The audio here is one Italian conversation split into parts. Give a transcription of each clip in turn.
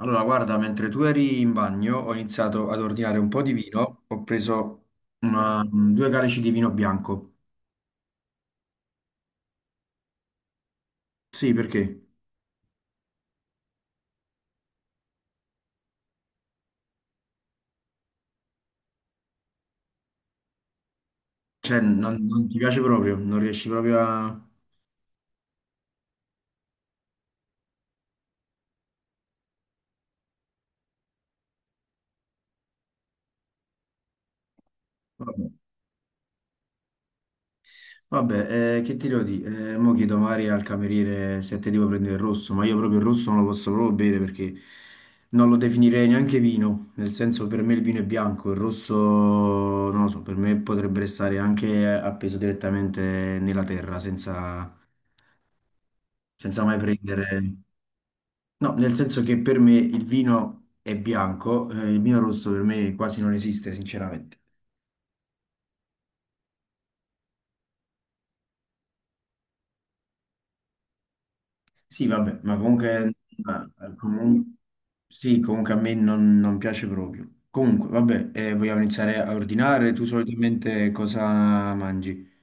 Allora, guarda, mentre tu eri in bagno, ho iniziato ad ordinare un po' di vino. Ho preso due calici di vino bianco. Sì, perché? Cioè, non ti piace proprio, non riesci proprio a... Vabbè. Vabbè, che ti devo dire? Mo chiedo magari al cameriere se te devo prendere il rosso, ma io proprio il rosso non lo posso proprio bere perché non lo definirei neanche vino, nel senso per me il vino è bianco, il rosso, non lo so, per me potrebbe restare anche appeso direttamente nella terra senza... senza mai prendere... No, nel senso che per me il vino è bianco, il vino rosso per me quasi non esiste, sinceramente. Sì, vabbè, ma comunque... ma, eh, comun- sì, comunque a me non piace proprio. Comunque, vabbè, vogliamo iniziare a ordinare? Tu solitamente cosa mangi?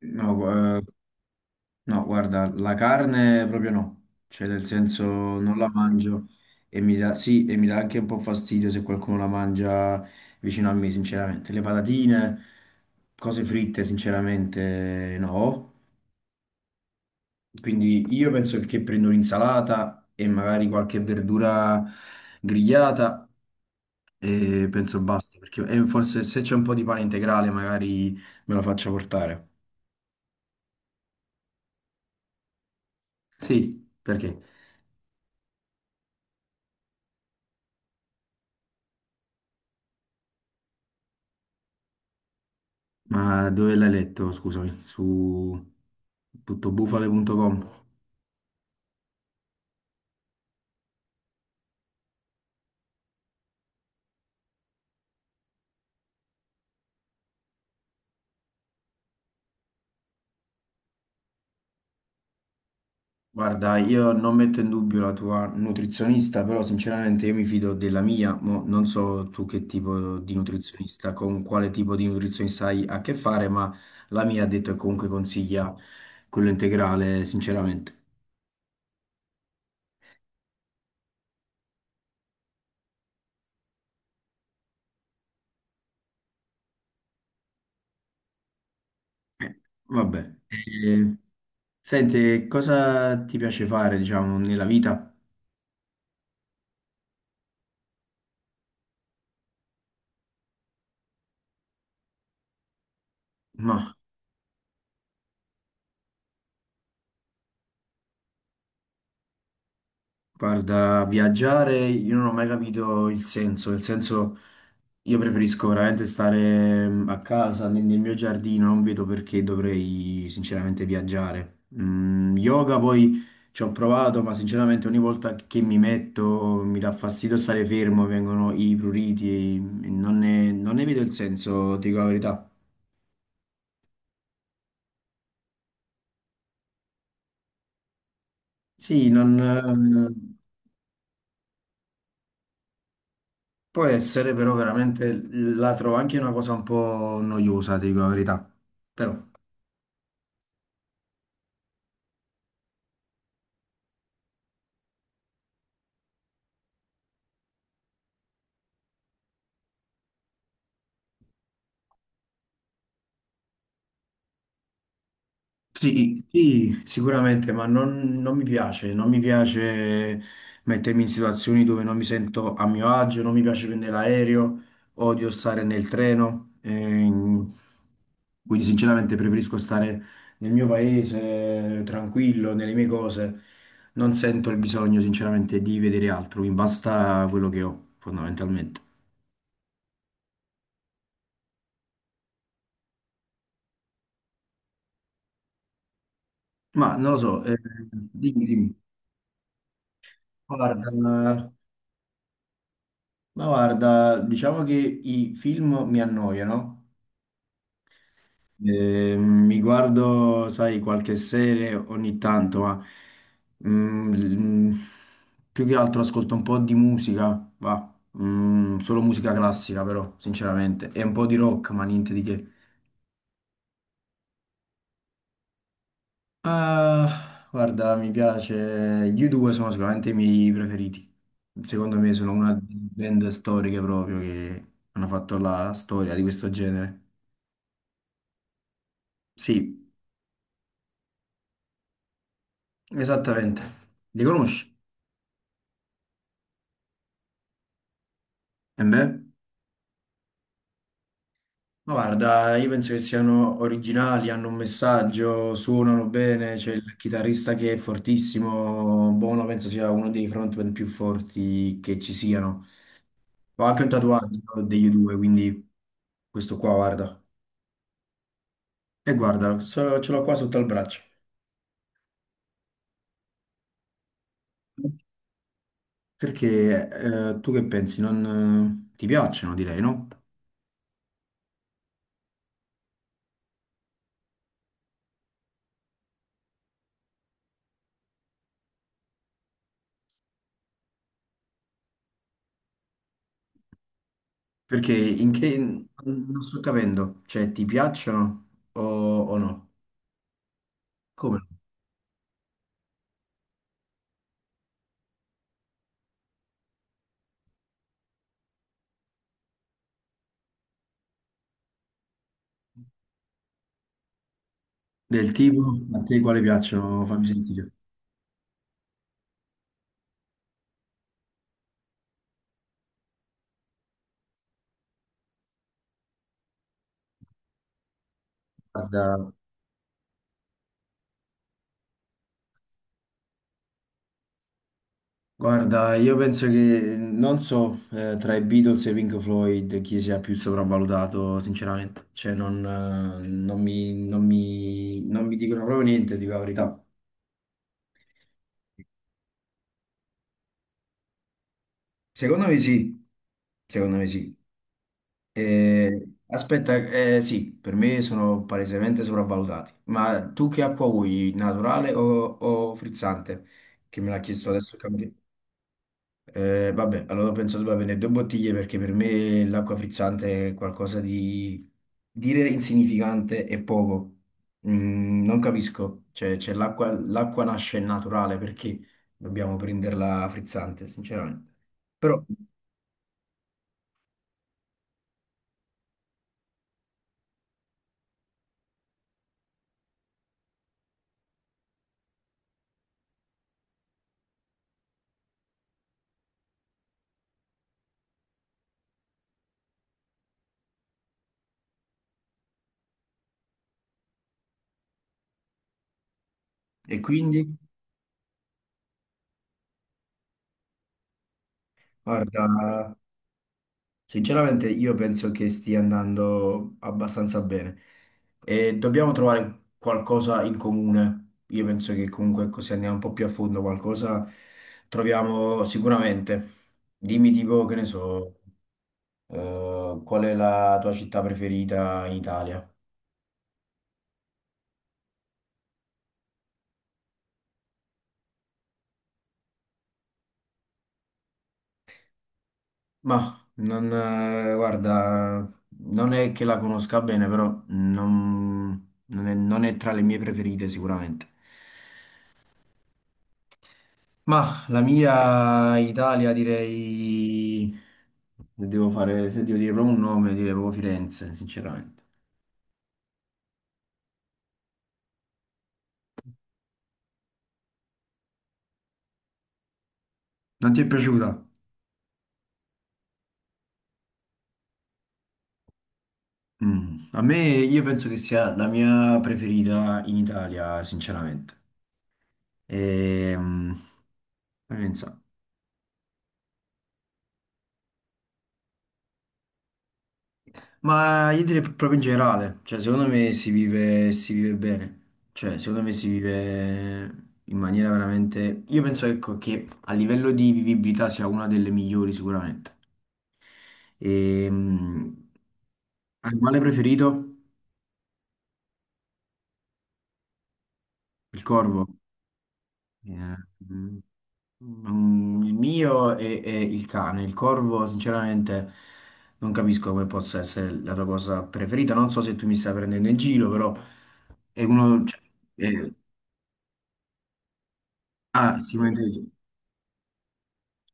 No, eh, No, guarda, la carne proprio no, cioè nel senso non la mangio e mi dà, sì, e mi dà anche un po' fastidio se qualcuno la mangia vicino a me, sinceramente. Le patatine, cose fritte, sinceramente no. Quindi io penso che prendo un'insalata e magari qualche verdura grigliata e penso basta, perché e forse se c'è un po' di pane integrale magari me lo faccio portare. Sì, perché? Ma dove l'hai letto, scusami? Su tuttobufale.com. Guarda, io non metto in dubbio la tua nutrizionista, però sinceramente io mi fido della mia, mo non so tu che tipo di nutrizionista, con quale tipo di nutrizionista hai a che fare, ma la mia ha detto che comunque consiglia quello integrale, sinceramente. Eh, vabbè. Senti, cosa ti piace fare, diciamo, nella vita? No. Guarda, viaggiare io non ho mai capito il senso, nel senso io preferisco veramente stare a casa, nel mio giardino, non vedo perché dovrei sinceramente viaggiare. Yoga poi ci ho provato, ma sinceramente ogni volta che mi metto mi dà fastidio stare fermo, vengono i pruriti, e non ne vedo il senso, dico la verità. Sì, non, può essere però veramente la trovo anche una cosa un po' noiosa, ti dico la verità. Però. Sì, sì, sicuramente, ma non mi piace, non mi piace mettermi in situazioni dove non mi sento a mio agio, non mi piace prendere l'aereo, odio stare nel treno, quindi sinceramente preferisco stare nel mio paese, tranquillo, nelle mie cose, non sento il bisogno sinceramente di vedere altro, mi basta quello che ho fondamentalmente. Ma non lo so, dimmi, dimmi. Guarda, Ma guarda, diciamo che i film mi annoiano. Mi guardo, sai, qualche serie ogni tanto, ma mm, mm, più che altro ascolto un po' di musica, va. Solo musica classica però, sinceramente, e un po' di rock, ma niente di che. Ah, guarda, mi piace, gli U2 sono sicuramente i miei preferiti, secondo me sono una delle band storiche proprio che hanno fatto la storia di questo genere. Sì, esattamente, li conosci? E beh? Ma guarda, io penso che siano originali, hanno un messaggio, suonano bene, c'è il chitarrista che è fortissimo, Bono penso sia uno dei frontman più forti che ci siano. Ho anche un tatuaggio degli due, quindi questo qua guarda. E guarda, ce l'ho qua sotto al braccio. Perché tu che pensi? Non, ti piacciono, direi, no? Perché in che... Non sto capendo, cioè ti piacciono o no? Come no? Del tipo, a te quale piacciono? Fammi sentire. Guarda, Guarda, io penso che non so tra i Beatles e Pink Floyd chi sia più sopravvalutato, sinceramente. Cioè, non mi dicono proprio niente, dico la verità. Secondo me sì, secondo me sì. Aspetta, sì, per me sono palesemente sopravvalutati. Ma tu che acqua vuoi, naturale o frizzante? Che me l'ha chiesto adesso il cameriere. Vabbè, allora penso debba avere due bottiglie perché per me l'acqua frizzante è qualcosa di dire insignificante e poco. Non capisco, cioè, l'acqua nasce naturale perché dobbiamo prenderla frizzante, sinceramente. Però, e quindi, guarda, sinceramente io penso che stia andando abbastanza bene e dobbiamo trovare qualcosa in comune. Io penso che comunque così andiamo un po' più a fondo, qualcosa troviamo sicuramente. Dimmi tipo, che ne so, qual è la tua città preferita in Italia? Ma non, guarda, non è che la conosca bene, però non è tra le mie preferite sicuramente. Ma la mia Italia direi, se devo dire proprio un nome, direi proprio Firenze, sinceramente. Non ti è piaciuta? Mm. A me, io penso che sia la mia preferita in Italia, sinceramente. Ehm, fammi pensare. Ma io direi proprio in generale, cioè secondo me si vive bene, cioè secondo me si vive in maniera veramente... Io penso ecco, che a livello di vivibilità sia una delle migliori sicuramente. E, mh, animale preferito? Il corvo. Eh, mh, il mio è il cane. Il corvo, sinceramente, non capisco come possa essere la tua cosa preferita. Non so se tu mi stai prendendo in giro, però è uno... cioè, è- sicuramente...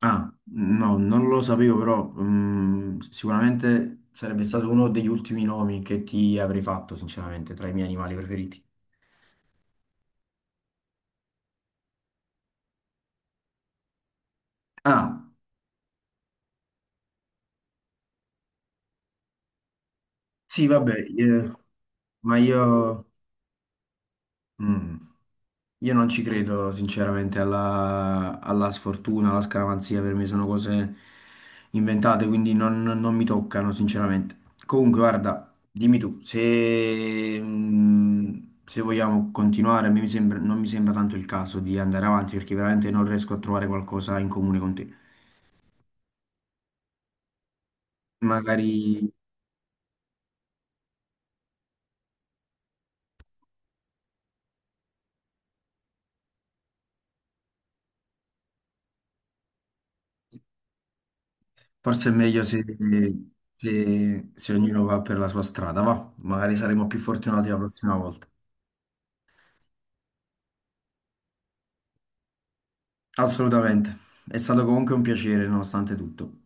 Ah, no, non lo sapevo, però sicuramente sarebbe stato uno degli ultimi nomi che ti avrei fatto, sinceramente, tra i miei animali preferiti. Ah, sì, vabbè, eh, ma io, mm, io non ci credo sinceramente alla, alla sfortuna, alla scaramanzia, per me sono cose inventate, quindi non mi toccano sinceramente. Comunque, guarda, dimmi tu, se, se vogliamo continuare, a me mi sembra- non mi sembra tanto il caso di andare avanti perché veramente non riesco a trovare qualcosa in comune con te. Magari, forse è meglio se, se ognuno va per la sua strada, va? Magari saremo più fortunati la prossima volta. Assolutamente. È stato comunque un piacere, nonostante tutto.